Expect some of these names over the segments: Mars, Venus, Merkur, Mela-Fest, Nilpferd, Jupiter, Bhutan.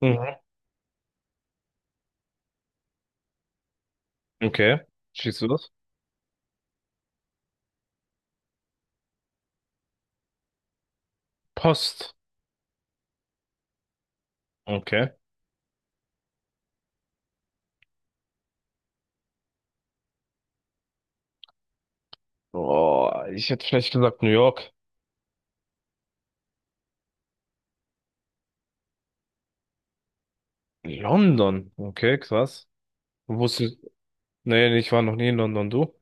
Mhm. Okay. Schießt du das? Post. Okay. Oh, ich hätte vielleicht gesagt New York. London. Okay, krass. Wusste, nee, nee, ich war noch nie in London, du?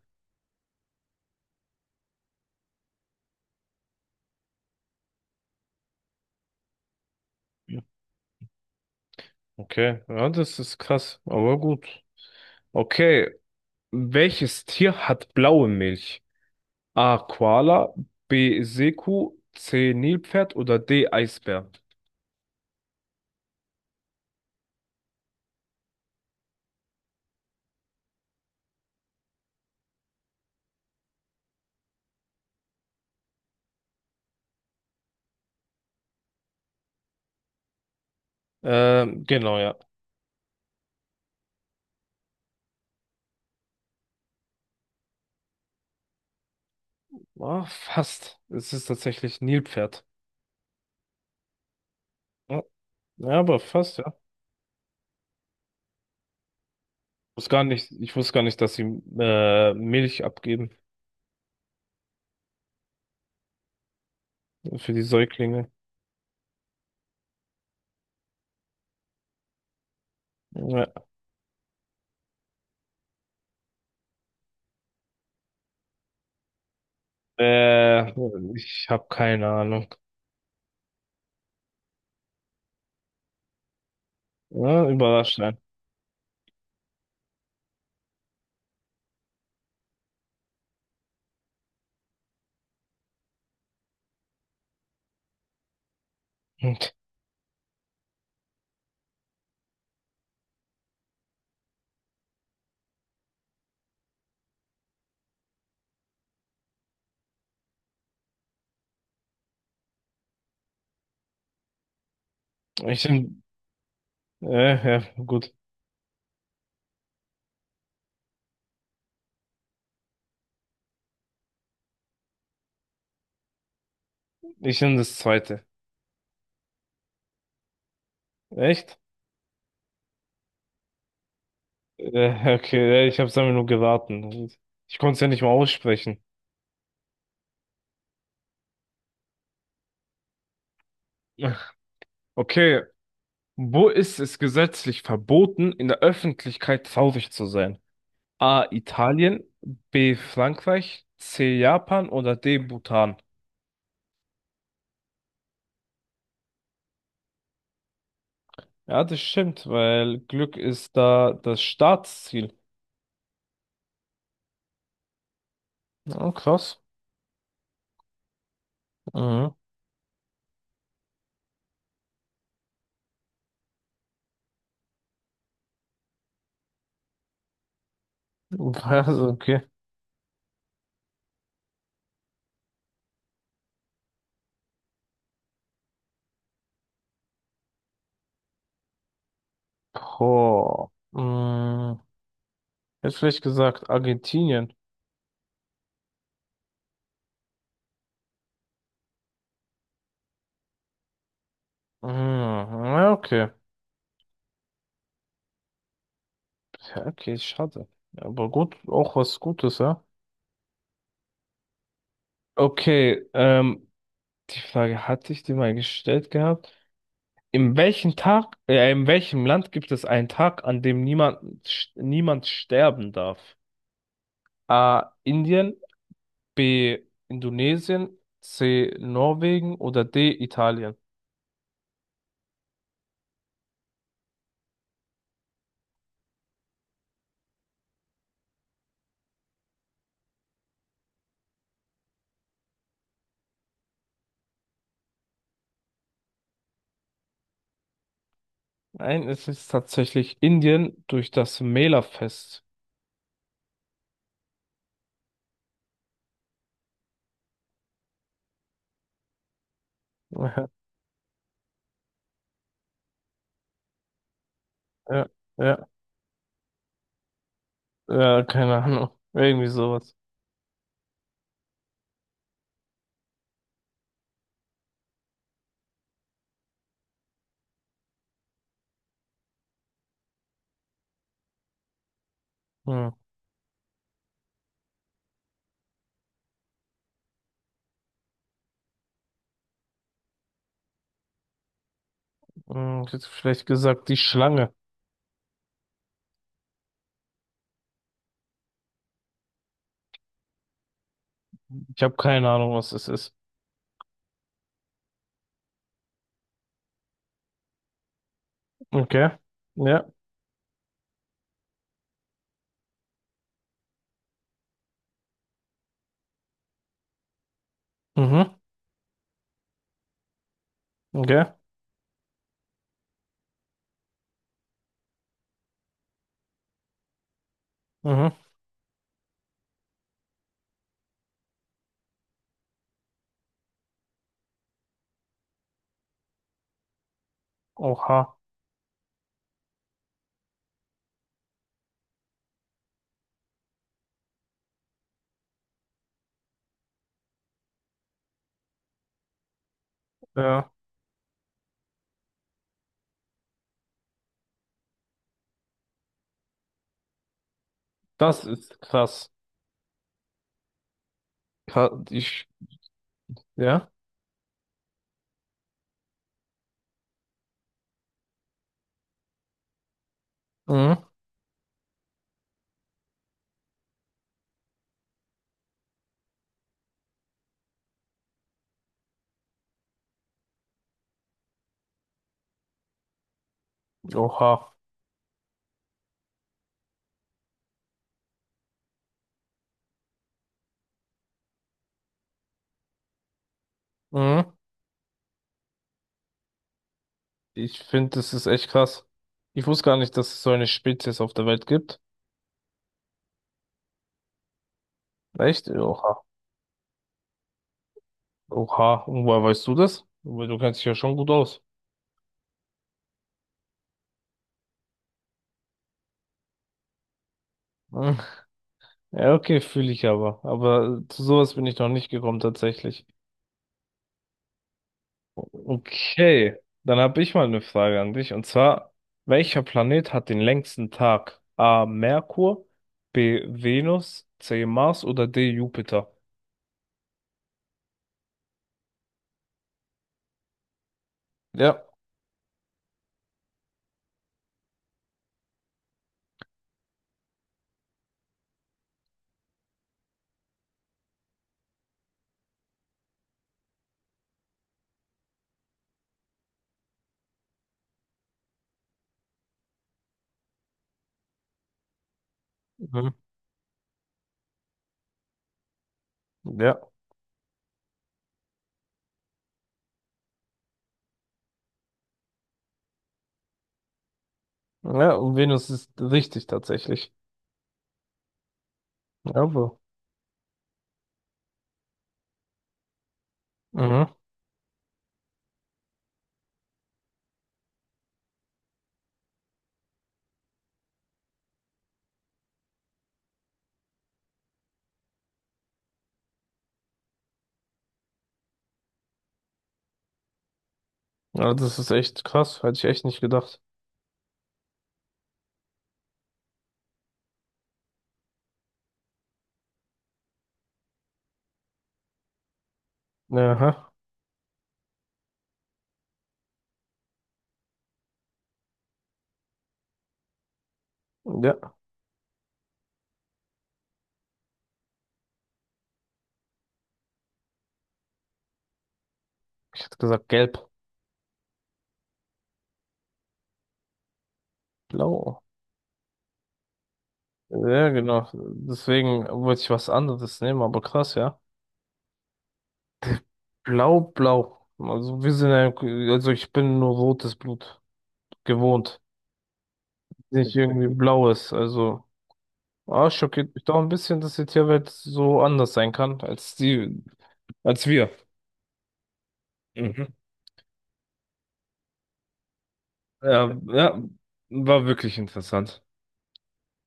Okay. Ja, das ist krass, aber gut. Okay. Welches Tier hat blaue Milch? A. Koala, B. Seekuh, C. Nilpferd oder D. Eisbär? Genau, ja. Ah, fast. Es ist tatsächlich Nilpferd. Ja, ja, aber fast, ja. wusste gar nicht, ich wusste gar nicht, dass sie Milch abgeben für die Säuglinge. Ja. Äh, Ich habe keine Ahnung. Ja, überraschend. Ich nehm, ja, gut. Ich nehm das zweite. Echt? Okay, ich hab's einfach nur geraten. Ich konnte es ja nicht mal aussprechen. Okay, wo ist es gesetzlich verboten, in der Öffentlichkeit traurig zu sein? A. Italien, B. Frankreich, C. Japan oder D. Bhutan? Ja, das stimmt, weil Glück ist da das Staatsziel. Oh krass. Mhm. Also, okay. Boah. Mhm. Hätte vielleicht gesagt Argentinien. Mhm. Ja, okay. Ja, okay, schade. Ja, aber gut, auch was Gutes, ja. Okay, die Frage hatte ich dir mal gestellt gehabt. In welchem Land gibt es einen Tag, an dem niemand sterben darf? A. Indien. B. Indonesien, C. Norwegen oder D. Italien? Nein, es ist tatsächlich Indien durch das Mela-Fest. Ja, ja, ja, ja, keine Ahnung. Irgendwie sowas. Hm, ich hätte vielleicht gesagt, die Schlange. Ich habe keine Ahnung, was es ist. Okay. Ja. Mhm. Okay. Mhm. Oha. Ja. Das ist krass. Ka- Ich. Ja. Mhm. Oha. Mhm. Ich finde, das ist echt krass. Ich wusste gar nicht, dass es so eine Spezies auf der Welt gibt. Echt? Oha. Oha. Und woher weißt du das? Weil du kennst dich ja schon gut aus. Hm. Ja, okay, fühle ich aber. Aber zu sowas bin ich noch nicht gekommen, tatsächlich. Okay, dann habe ich mal eine Frage an dich. Und zwar, welcher Planet hat den längsten Tag? A. Merkur, B. Venus, C. Mars oder D. Jupiter? Ja. Mhm. Ja. Ja, und Venus ist richtig tatsächlich. Ja, mhm. Ja, das ist echt krass, hätte ich echt nicht gedacht. Aha. Ja, ich hätte gesagt gelb, blau. Ja, genau. Deswegen wollte ich was anderes nehmen, aber krass, ja. Blau, blau. Also wir sind ja, also ich bin nur rotes Blut gewohnt, nicht irgendwie blaues. Also, ah, schockiert mich doch ein bisschen, dass die Tierwelt so anders sein kann als die, als wir. Mhm. Ja, ja, war wirklich interessant.